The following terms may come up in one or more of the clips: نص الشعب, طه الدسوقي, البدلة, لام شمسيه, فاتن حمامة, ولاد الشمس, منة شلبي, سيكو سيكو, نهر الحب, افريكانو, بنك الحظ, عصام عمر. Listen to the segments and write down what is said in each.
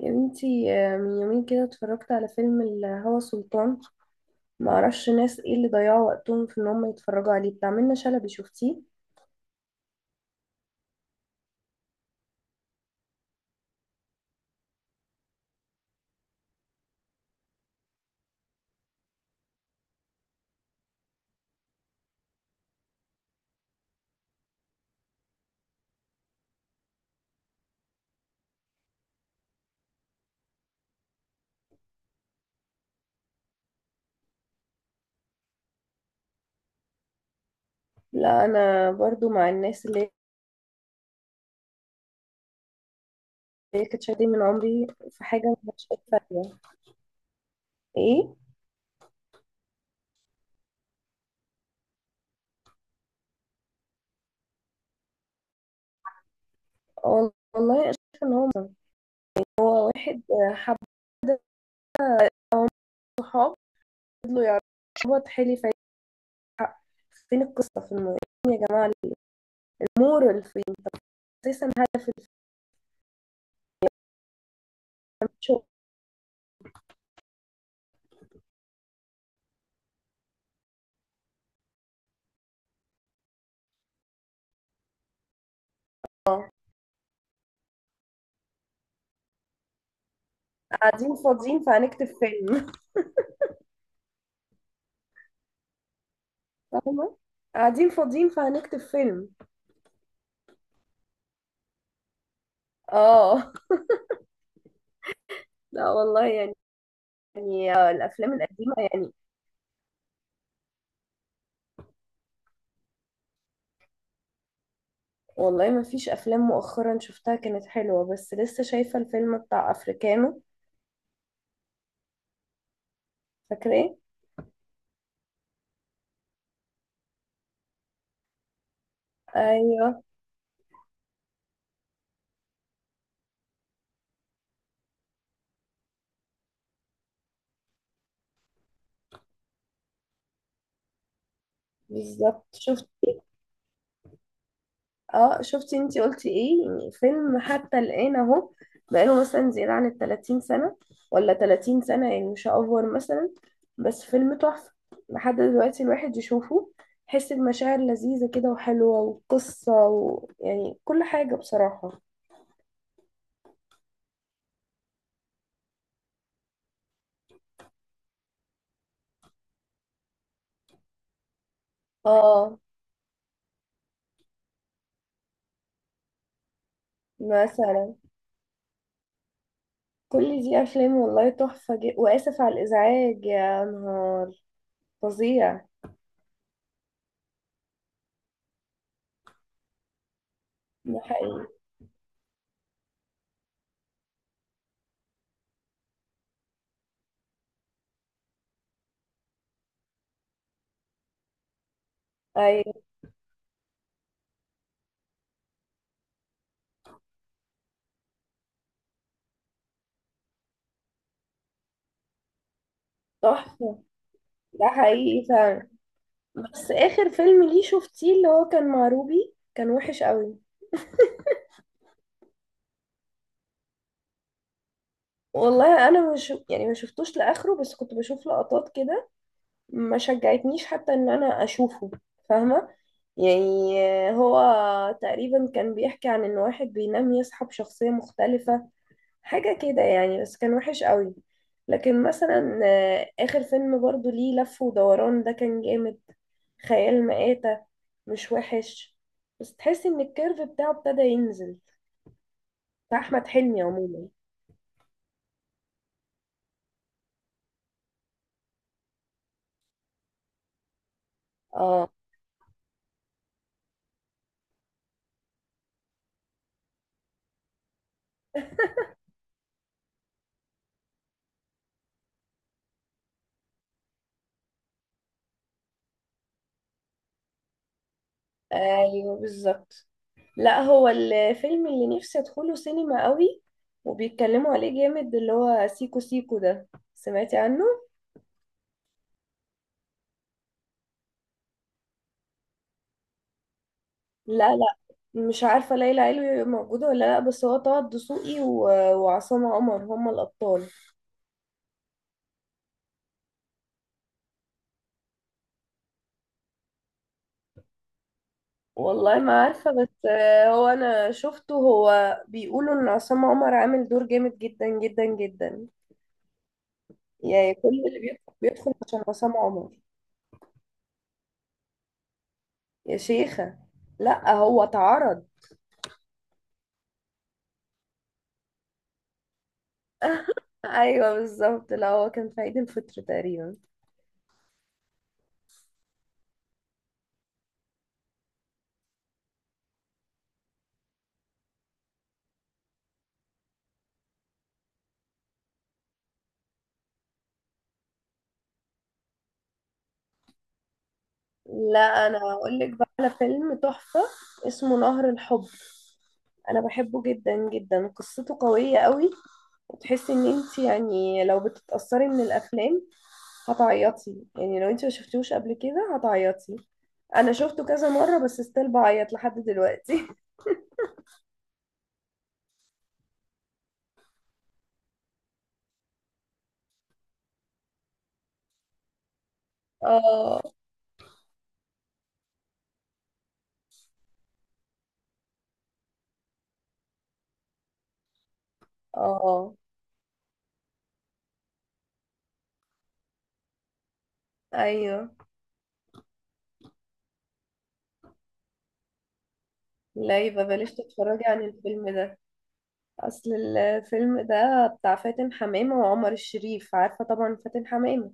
يا بنتي من يومين كده اتفرجت على فيلم الهوى سلطان. ما اعرفش ناس ايه اللي ضيعوا وقتهم في ان هم يتفرجوا عليه، بتاع منة شلبي. شفتيه؟ لا، انا برضو مع الناس اللي هي كانت شادين من عمري في حاجه مش فاهمه. ايه. والله أنا شايفه ان هو واحد حب صحاب، فضلوا يعرفوا حلي في حق. فين القصه في الموضوع يا جماعه؟ المورال فين؟ اساسا هدف الفيلم شو؟ آه، قاعدين فاضيين فهنكتب فيلم. فاهمة. قاعدين فاضيين فهنكتب فيلم. اه. لا والله، يعني يعني الافلام القديمة يعني. والله ما فيش افلام مؤخرا شفتها كانت حلوة، بس لسه شايفة الفيلم بتاع افريكانو. فاكراه؟ ايوه، بالظبط. شفت. اه شفتي، انتي قلتي ايه يعني. فيلم حتى الآن اهو بقاله مثلا زيادة عن الـ 30 سنة، ولا 30 سنة يعني، مش هأفور مثلا. بس فيلم تحفة. لحد دلوقتي الواحد يشوفه، يحس بمشاعر لذيذة كده وحلوة وقصة ويعني كل حاجة بصراحة. اه. مثلا. كل دي أفلام والله تحفة جدا. وآسف على الإزعاج، يا نهار فظيع. ده حقيقي. أيوة. تحفة. ده حقيقي فعلا. بس اخر فيلم ليه شفتيه اللي هو كان مع روبي كان وحش قوي. والله انا مش يعني ما شفتوش لاخره، بس كنت بشوف لقطات كده. ما شجعتنيش حتى ان انا اشوفه. فاهمه؟ يعني هو تقريبا كان بيحكي عن ان واحد بينام يصحى بشخصيه مختلفه. حاجه كده يعني، بس كان وحش قوي. لكن مثلا اخر فيلم برضو ليه لف ودوران ده كان جامد. خيال مآتة، مش وحش، بس تحسي ان الكيرف بتاعه ابتدى ينزل، بتاع احمد حلمي عموما. اه. ايوه، بالظبط. لا، هو الفيلم اللي نفسي ادخله سينما قوي وبيتكلموا عليه جامد، اللي هو سيكو سيكو ده. سمعتي عنه؟ لا لا، مش عارفه ليلى علوي موجوده ولا لا، بس هو طه الدسوقي وعصام عمر هما الابطال. والله ما عارفه، بس هو انا شفته. هو بيقولوا ان عصام عمر عامل دور جامد جدا جدا جدا. يعني كل اللي بيدخل بيدخل عشان عصام عمر. يا شيخة، لا هو اتعرض. ايوه بالظبط، لا هو كان في عيد الفطر تقريبا. لا انا هقول لك بقى على فيلم تحفة، اسمه نهر الحب. انا بحبه جدا جدا، قصته قوية قوي. وتحسي ان انت يعني لو بتتأثري من الافلام هتعيطي. يعني لو انت ما شفتوش قبل كده هتعيطي. انا شفته كذا مرة بس ستيل بعيط لحد دلوقتي. اه. اه. ايوه. لا، يبقى بلاش تتفرجي عن الفيلم ده. اصل الفيلم ده بتاع فاتن حمامة وعمر الشريف. عارفة طبعا فاتن حمامة.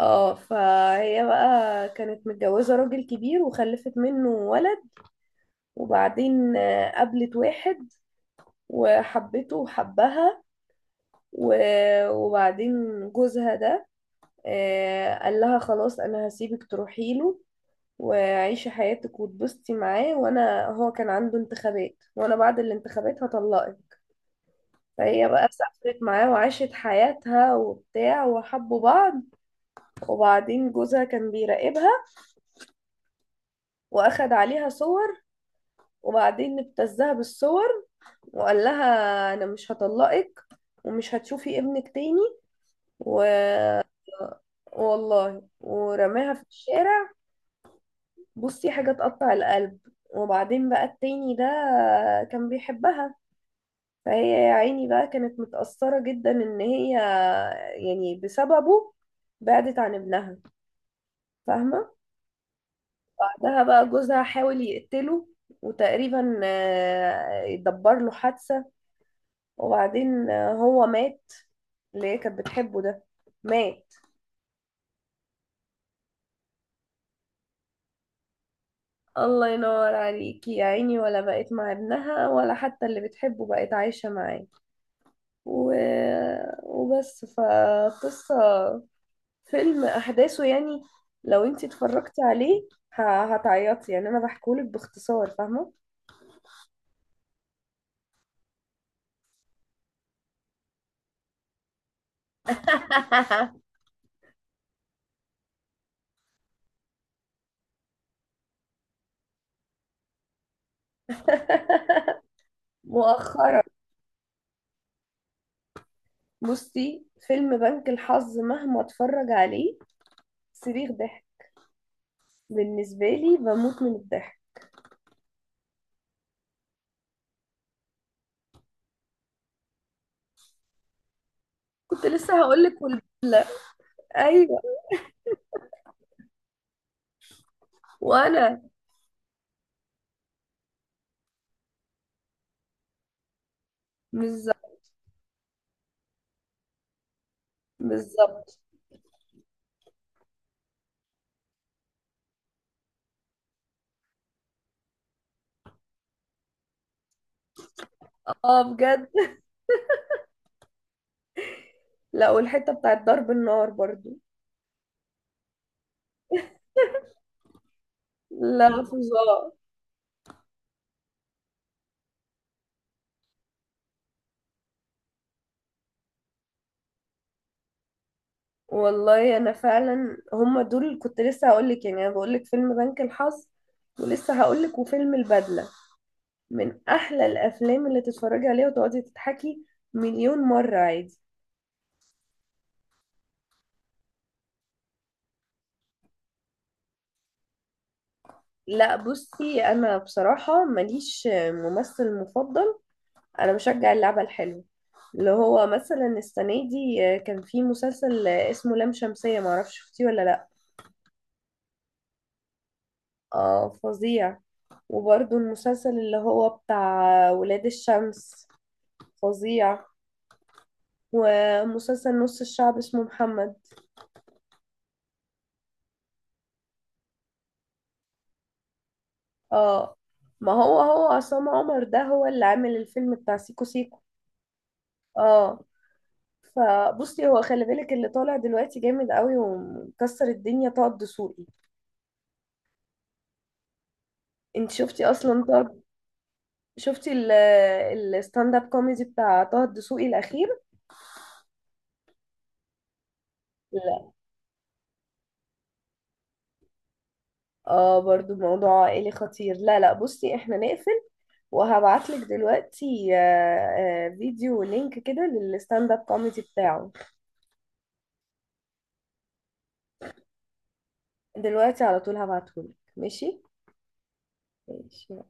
اه. فهي بقى كانت متجوزة راجل كبير وخلفت منه ولد. وبعدين قابلت واحد وحبته وحبها وبعدين جوزها ده قال لها خلاص انا هسيبك تروحي له وعيشي حياتك وتبسطي معاه، وانا هو كان عنده انتخابات، وانا بعد الانتخابات هطلقك. فهي بقى سافرت معاه وعاشت حياتها وبتاع وحبوا بعض. وبعدين جوزها كان بيراقبها واخد عليها صور، وبعدين ابتزها بالصور وقال لها انا مش هطلقك ومش هتشوفي ابنك تاني و... والله ورماها في الشارع. بصي حاجة تقطع القلب. وبعدين بقى التاني ده كان بيحبها. فهي يا عيني بقى كانت متأثرة جدا ان هي يعني بسببه بعدت عن ابنها. فاهمة؟ ده بقى جوزها حاول يقتله، وتقريبا يدبر له حادثة. وبعدين هو مات. اللي هي كانت بتحبه ده مات. الله ينور عليكي يا عيني، ولا بقت مع ابنها ولا حتى اللي بتحبه بقت عايشة معاه و... وبس فقصة فيلم أحداثه يعني، لو انتي اتفرجتي عليه هتعيطي يعني. أنا بحكولك باختصار. فاهمة؟ مؤخرا. بصي، فيلم بنك الحظ مهما اتفرج عليه صريخ ضحك بالنسبة لي، بموت من الضحك. كنت لسه هقولك. والجملة. ايوه. وانا. بالظبط، بالظبط. اه بجد. لا، والحتة بتاعت ضرب النار برضو. لا، فظاع. والله انا فعلا هما دول اللي كنت لسه هقولك. يعني انا بقولك فيلم بنك الحظ، ولسه هقولك وفيلم البدلة. من احلى الافلام اللي تتفرجي عليها وتقعدي تضحكي مليون مرة عادي. لا، بصي انا بصراحه ماليش ممثل مفضل. انا بشجع اللعبه الحلوه. اللي هو مثلا السنه دي كان في مسلسل اسمه لام شمسيه، معرفش شفتيه ولا لا. اه فظيع. وبرده المسلسل اللي هو بتاع ولاد الشمس فظيع. ومسلسل نص الشعب اسمه محمد. اه. ما هو هو عصام عمر ده هو اللي عامل الفيلم بتاع سيكو سيكو. اه. فبصي هو، خلي بالك اللي طالع دلوقتي جامد قوي ومكسر الدنيا طه الدسوقي. انت شفتي اصلا طه؟ شفتي الستاند اب كوميدي بتاع طه الدسوقي الاخير؟ لا. اه برضو موضوع عائلي خطير. لا لا بصي، احنا نقفل. وهبعتلك دلوقتي فيديو لينك كده للستاند اب كوميدي بتاعه. دلوقتي على طول هبعتهولك. ماشي. ماشي.